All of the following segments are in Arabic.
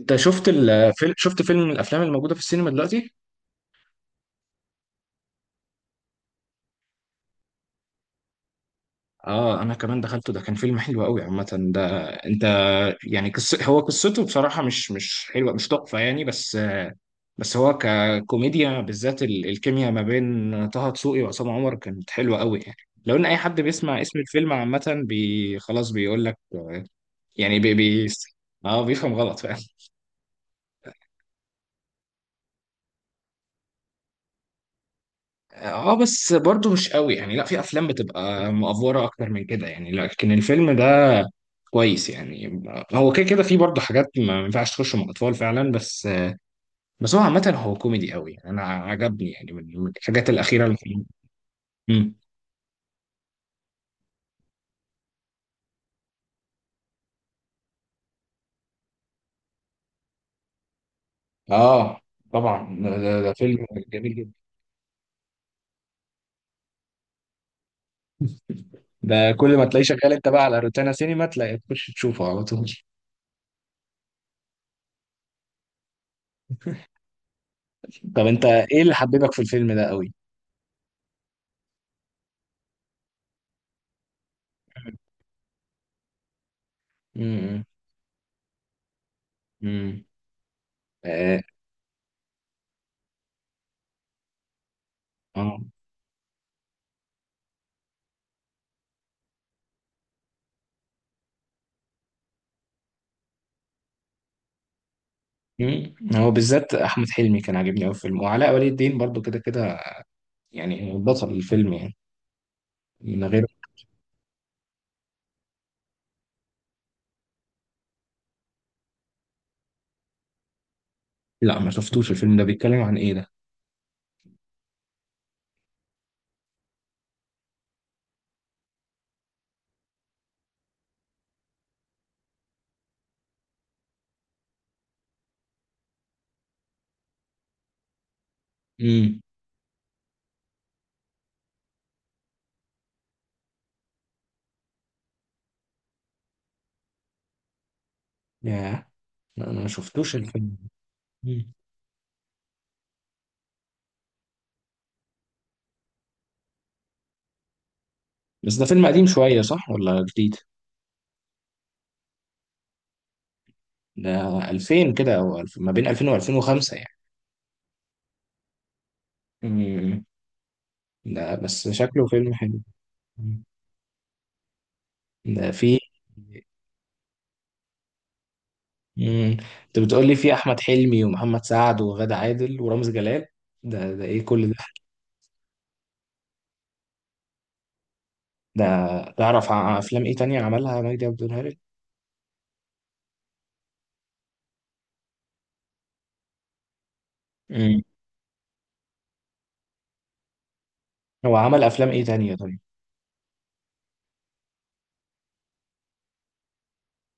انت شفت فيلم من الافلام الموجوده في السينما دلوقتي؟ اه، انا كمان دخلته. ده كان فيلم حلو قوي عامه. ده انت يعني هو قصته بصراحه مش حلوه، مش تحفه يعني، بس هو ككوميديا، بالذات الكيمياء ما بين طه دسوقي وعصام عمر كانت حلوه قوي يعني. لو ان اي حد بيسمع اسم الفيلم عامه خلاص بيقول لك يعني اه، بيفهم غلط. اه، بس برضو مش قوي يعني. لا، في افلام بتبقى مأفورة اكتر من كده يعني، لكن الفيلم ده كويس يعني. هو كده كده في برضو حاجات ما ينفعش تخش مع اطفال فعلا، بس هو عامة هو كوميدي قوي يعني. انا عجبني يعني من الحاجات الاخيرة اللي في-. مم. اه، طبعا ده فيلم جميل جدا. ده كل ما تلاقيه شغال انت بقى على روتانا سينما تلاقي تخش تشوفه على طول. طب انت ايه اللي حببك في الفيلم ده قوي؟ امم. امم. اه. آه. مم. هو بالذات احمد حلمي كان عاجبني قوي في الفيلم، وعلاء ولي الدين برضو كده كده يعني بطل الفيلم يعني. من غير. لا، ما شفتوش الفيلم. ده بيتكلم عن ايه ده؟ امم. يا لا، انا ما شفتوش الفيلم. مم. بس ده فيلم قديم شويه صح ولا جديد؟ ده 2000 كده او 2000، ما بين 2000 و2005 يعني. امم. ده بس شكله فيلم حلو. مم. ده فيه. امم. انت بتقول لي فيه احمد حلمي ومحمد سعد وغادة عادل ورامز جلال. ده ايه كل ده ده؟ تعرف افلام ايه تانية عملها مجدي عبد الهادي؟ امم. هو عمل افلام ايه تانية طيب؟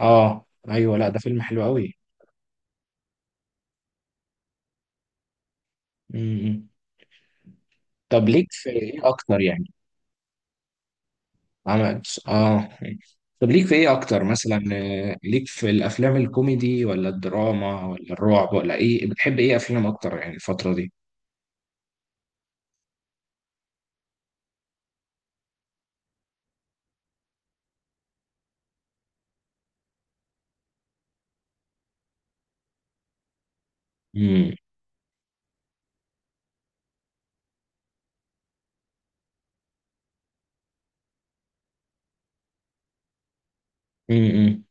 اه، ايوه. لا، ده فيلم حلو قوي. امم. طب ليك في ايه اكتر يعني؟ عمل. اه. طب ليك في ايه اكتر مثلا، ليك في الافلام الكوميدي ولا الدراما ولا الرعب ولا ايه؟ بتحب ايه افلام اكتر يعني الفترة دي؟ امم. امم.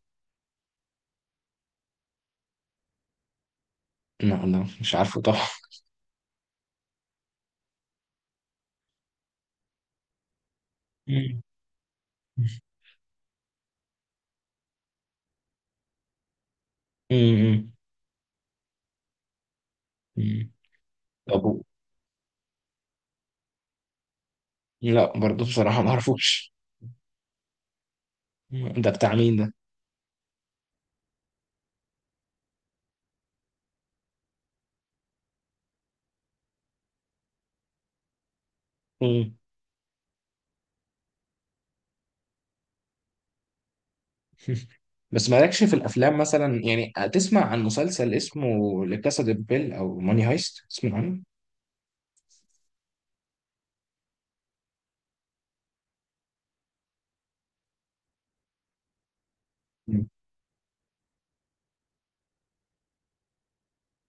لا، لا مش عارفه طبعا. مم. مم. مم. طب لا برضه بصراحة ما اعرفوش. مم. ده بتاع مين؟ ده، بس مالكش في الافلام مثلا يعني؟ تسمع عن مسلسل اسمه لكاسا دي بابيل او ماني هايست؟ تسمع عنه؟ مم.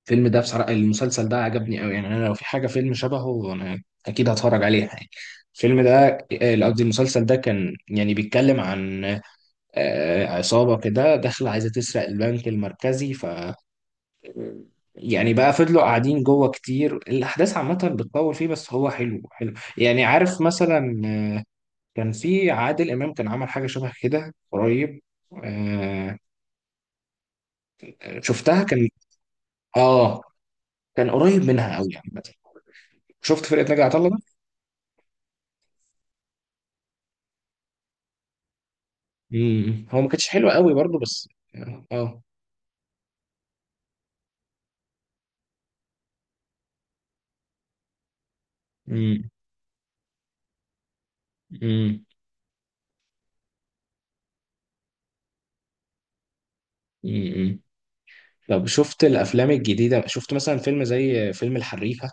الفيلم ده بصراحه، المسلسل ده عجبني قوي يعني. انا لو في حاجه فيلم شبهه انا اكيد هتفرج عليها يعني. الفيلم ده، قصدي المسلسل ده كان يعني بيتكلم عن عصابه كده داخله عايزه تسرق البنك المركزي. ف يعني بقى فضلوا قاعدين جوه كتير. الاحداث عامه بتطول فيه بس هو حلو حلو يعني، عارف مثلا. كان في عادل امام كان عمل حاجه شبه كده قريب. آه شفتها كان. اه، كان قريب منها قوي يعني. شفت فرقه ناجي عطا الله ده؟ امم. هو ما كانتش حلوه قوي برضو بس. اه. امم. امم. امم. طب شفت الافلام الجديده؟ شفت مثلا فيلم زي فيلم الحريفه؟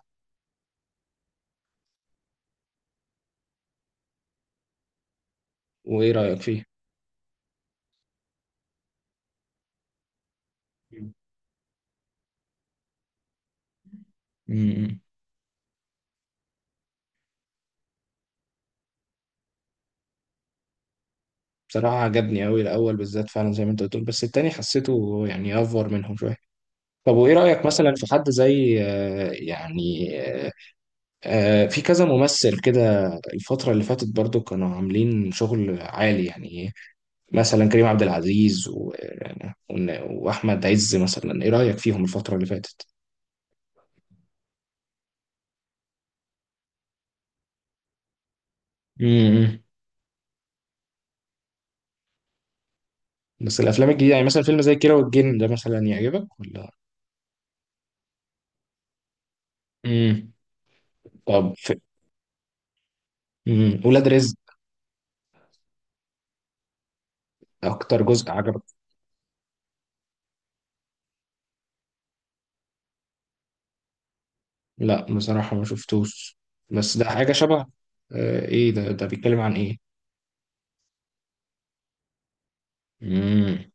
وايه رايك فيه؟ امم. بصراحه عجبني قوي الاول بالذات فعلا زي ما انت بتقول، بس التاني حسيته يعني افور منهم شويه. طب وايه رايك مثلا في حد زي، في كذا ممثل كده؟ الفترة اللي فاتت برضو كانوا عاملين شغل عالي يعني إيه؟ مثلا كريم عبد العزيز وأحمد عز مثلا، إيه رأيك فيهم الفترة اللي فاتت؟ امم. بس الأفلام الجديدة يعني مثلا فيلم زي كيرة والجن ده مثلا يعجبك ولا؟ امم. طب في. مم. ولاد رزق. أكتر جزء عجبك؟ لا بصراحة ما شفتوش. بس ده حاجة شبه. إيه ده؟ ده بيتكلم عن إيه؟ امم.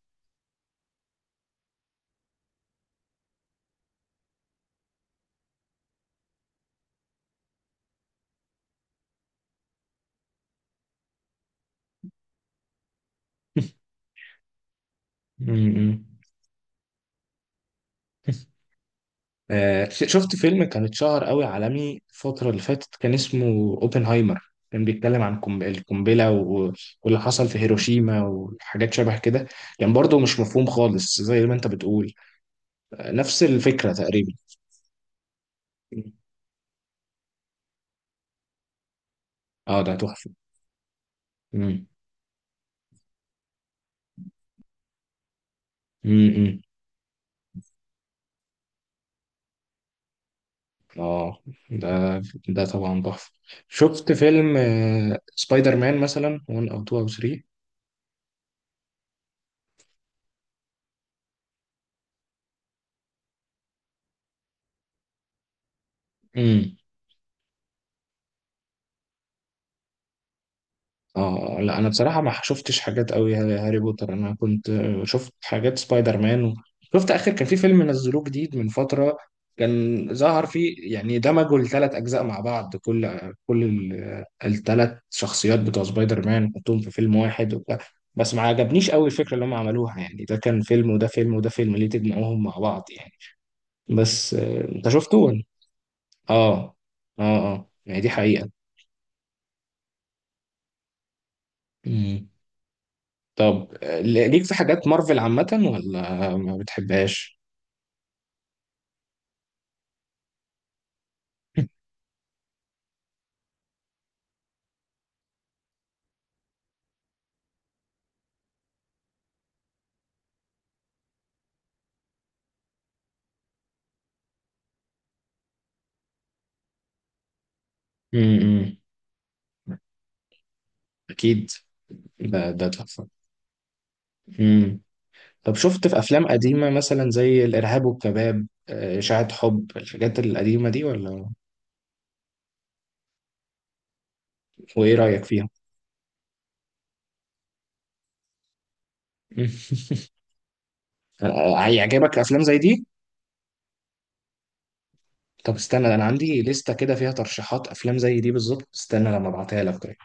شفت فيلم كان اتشهر قوي عالمي الفترة اللي فاتت كان اسمه اوبنهايمر، كان بيتكلم عن القنبلة واللي حصل في هيروشيما وحاجات شبه كده. كان برضو مش مفهوم خالص زي ما انت بتقول. نفس الفكرة تقريبا. اه، ده تحفة. مم. مم. مم. اه، ده ده طبعا تحفة. شفت فيلم، سبايدر مان مثلا 1 او 2 او 3؟ اه. لا، انا بصراحه ما شفتش حاجات قوي هاري بوتر. انا كنت شفت حاجات سبايدر مان شفت اخر كان في فيلم نزلوه جديد من فتره. كان ظهر فيه يعني دمجوا الثلاث اجزاء مع بعض. كل الثلاث شخصيات بتوع سبايدر مان حطوهم في فيلم واحد وبتاع. بس ما عجبنيش قوي الفكره اللي هم عملوها يعني، ده كان فيلم وده فيلم وده فيلم، ليه تجمعوهم مع بعض يعني؟ بس انت شفته ولا؟ اه. اه. اه يعني، دي حقيقه. مم. طب، ليك في حاجات مارفل عامة ولا ما بتحبهاش؟ امم. اكيد. ده تحفة. امم. طب شفت في افلام قديمة مثلا زي الارهاب والكباب، اشاعة حب؟ الحاجات القديمة دي ولا؟ وايه رأيك فيها؟ مم. هيعجبك افلام زي دي؟ طب استنى، انا عندي لستة كده فيها ترشيحات افلام زي دي بالظبط. استنى لما ابعتها لك.